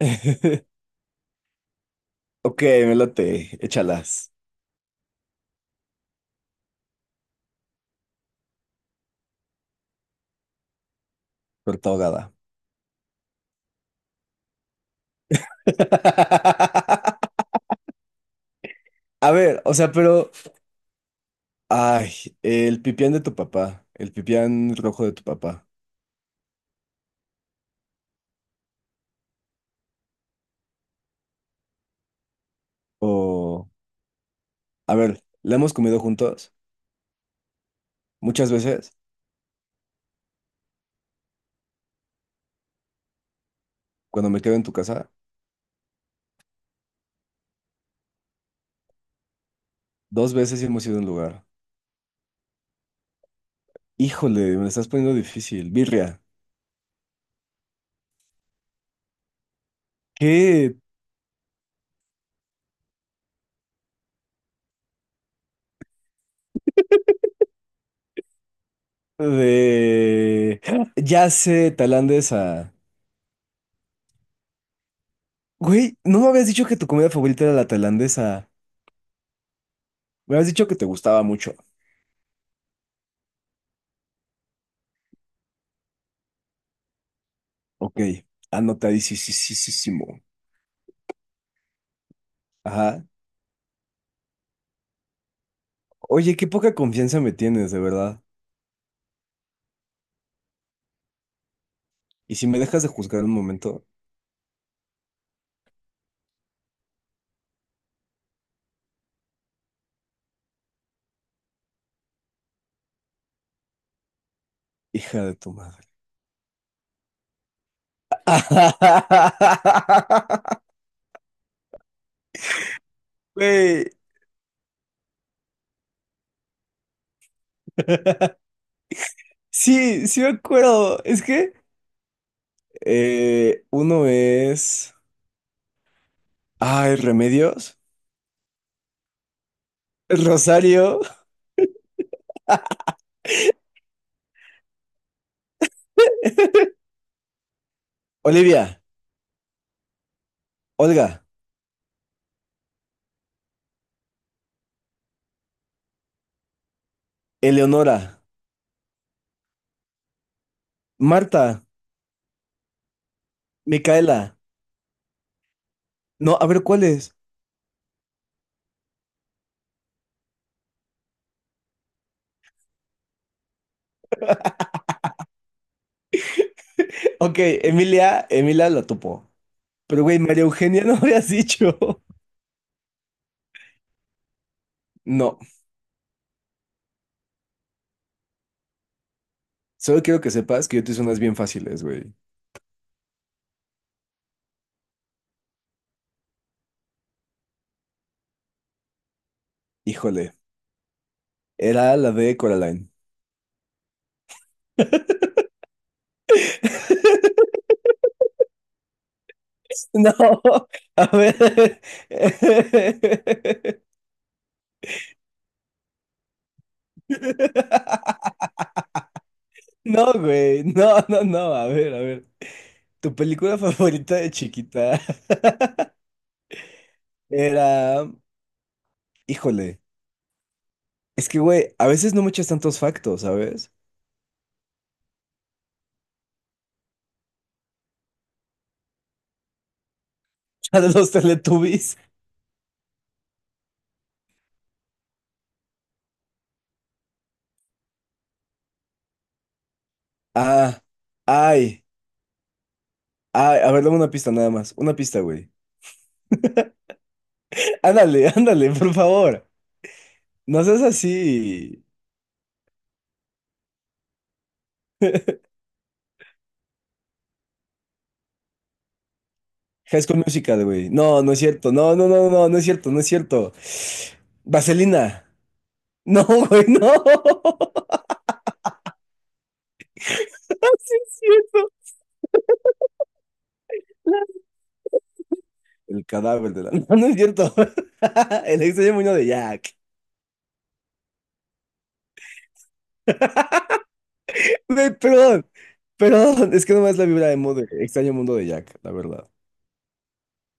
Ok, me late, échalas, torta ahogada. A ver, o sea, pero, ay, el pipián de tu papá, el pipián rojo de tu papá, o, a ver, la hemos comido juntos muchas veces, cuando me quedo en tu casa, dos veces sí hemos ido a un lugar. Híjole, me la estás poniendo difícil, birria. ¿Qué de... ya sé, tailandesa. Güey, no me habías dicho que tu comida favorita era la tailandesa. Me habías dicho que te gustaba mucho. Ok, anotadísimo. Ajá. Oye, qué poca confianza me tienes, de verdad. Y si me dejas de juzgar un momento, hija de tu madre. Güey. Sí, sí me acuerdo. Es que uno es. Ay, Remedios. Rosario. Olivia. Olga. Eleonora. Marta. Micaela. No, a ver, ¿cuál es? Ok, Emilia. Emilia la topo. Pero, güey, María Eugenia no habías dicho. No, solo quiero que sepas que yo te hice unas bien fáciles, güey. Híjole, era la de Coraline. No, a ver. No, güey, no, no, no, a ver, a ver. Tu película favorita de chiquita era... Híjole, es que, güey, a veces no me echas tantos factos, ¿sabes? La de los Teletubbies. Ah, ay, ay, a ver, dame una pista nada más, una pista, güey. Ándale, ándale, por favor. No seas así. High School Musical, güey. No, no es cierto. No, no, no, no, no es cierto, no es cierto. Vaselina. No, güey, no. Sí, el cadáver de la... No, no es cierto. El extraño mundo de Jack. Güey, perdón. Perdón. Es que nomás la vibra emo de extraño mundo de Jack, la verdad.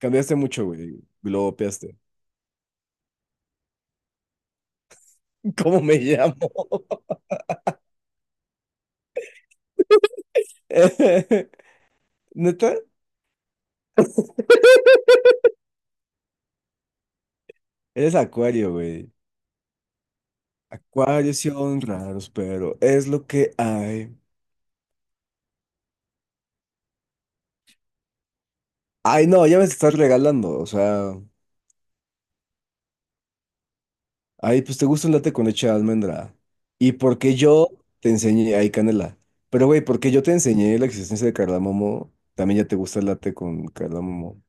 Cambiaste mucho, güey. Globeaste. ¿Cómo me llamo? ¿Neta? Eres Acuario, güey. Acuarios sí son raros, pero es lo que hay. Ay, no, ya me estás regalando. O sea, ay, pues te gusta un latte con leche de almendra. Y porque yo te enseñé, ay, canela. Pero güey, porque yo te enseñé la existencia de cardamomo, también ya te gusta el latte con cardamomo.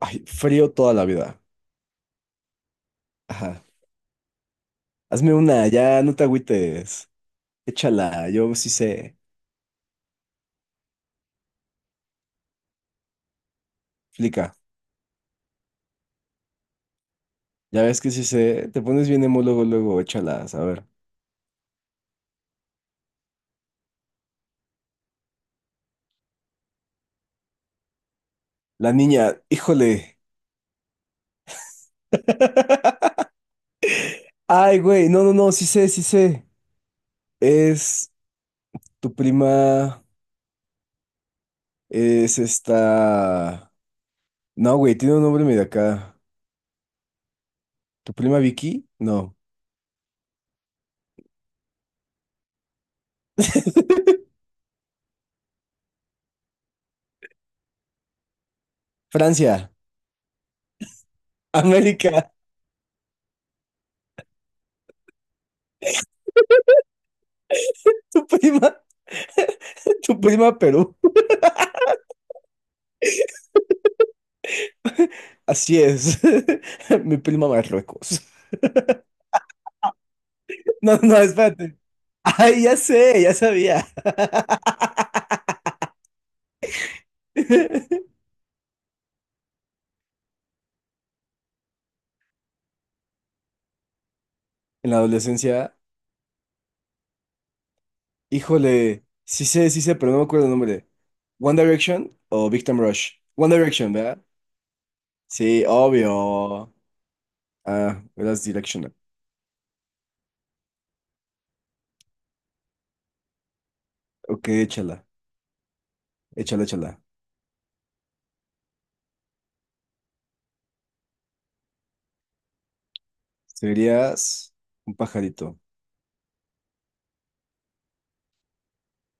Ay, frío toda la vida. Ajá. Hazme una, ya, no te agüites. Échala, yo sí sé. Explica. Ya ves que sí sé. Te pones bien emo luego, luego, échalas. A ver. La niña, híjole. Ay, güey, no, no, no, sí sé, sí sé. Es tu prima, es esta... no, güey, tiene un nombre medio acá. ¿Tu prima Vicky? No. Francia, América. Tu prima, tu prima Perú. Así es. Mi prima Marruecos. No, no, no, espérate. Ay, ya sé, ya sabía. En la adolescencia, híjole, sí sé, pero no me acuerdo el nombre. One Direction o Victim Rush. One Direction, ¿verdad? Sí, obvio. Ah, eras Directional. Ok, échala, échala, échala. Serías un pajarito.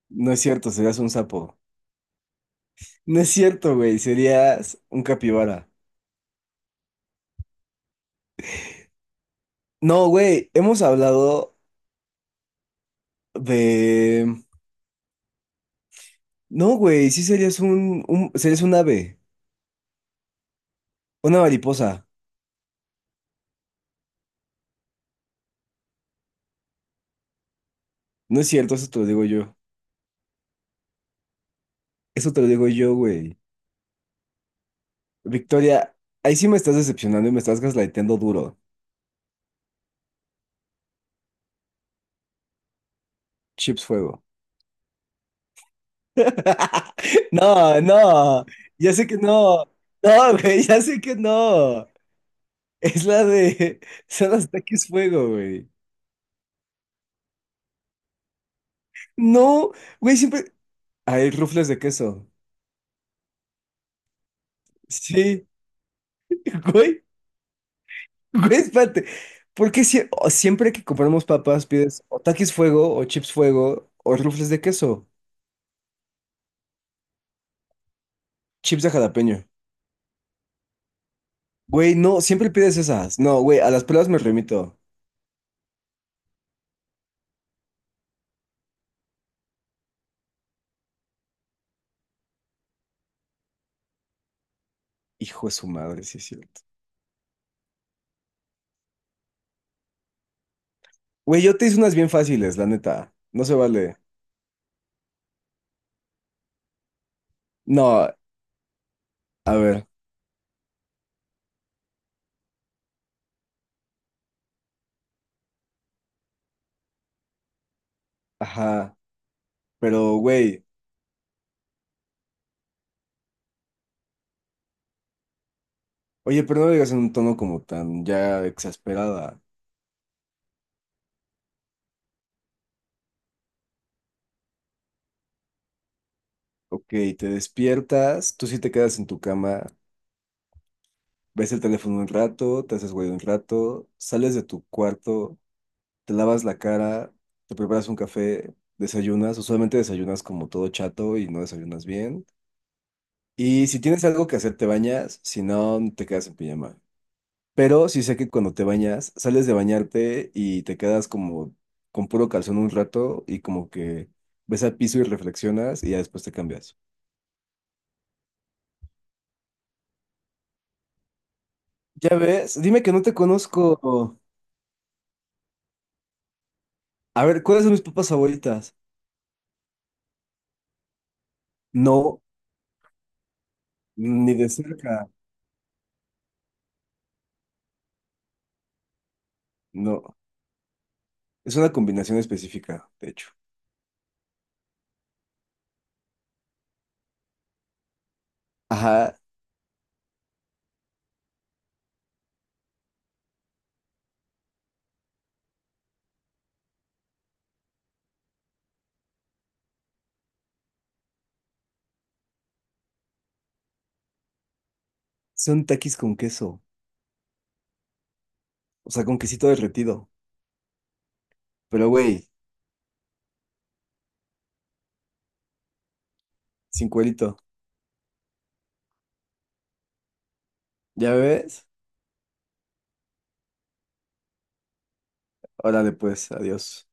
No es cierto, serías un sapo. No es cierto, güey, serías un capibara. No, güey, hemos hablado de... no, güey, sí serías un ave, una mariposa. No es cierto, eso te lo digo yo. Eso te lo digo yo, güey. Victoria, ahí sí me estás decepcionando y me estás gaslightando duro. Chips fuego. No, no, ya sé que no. No, güey, ya sé que no. Es la de. Son los taquis fuego, güey. No, güey, siempre. Hay rufles de queso. Sí, güey, güey, espérate. ¿O siempre que compramos papas pides o taquis fuego, o chips fuego, o rufles de queso? Chips de jalapeño. Güey, no, siempre pides esas. No, güey, a las pruebas me remito. Hijo de su madre, sí es cierto. Güey, yo te hice unas bien fáciles, la neta. No se vale. No, a ver, ajá, pero güey, oye, pero no lo digas en un tono como tan ya exasperada. Ok, te despiertas, tú sí te quedas en tu cama, ves el teléfono un rato, te haces güey un rato, sales de tu cuarto, te lavas la cara, te preparas un café, desayunas, usualmente desayunas como todo chato y no desayunas bien. Y si tienes algo que hacer, te bañas, si no, te quedas en pijama. Pero sí sé que cuando te bañas, sales de bañarte y te quedas como con puro calzón un rato y como que ves al piso y reflexionas y ya después te cambias. Ya ves, dime que no te conozco. A ver, ¿cuáles son mis papas favoritas? No, ni de cerca. No, es una combinación específica, de hecho. Ajá, son taquis con queso, o sea, con quesito derretido. Pero güey, sin cuerito. ¿Ya ves? Órale pues, adiós.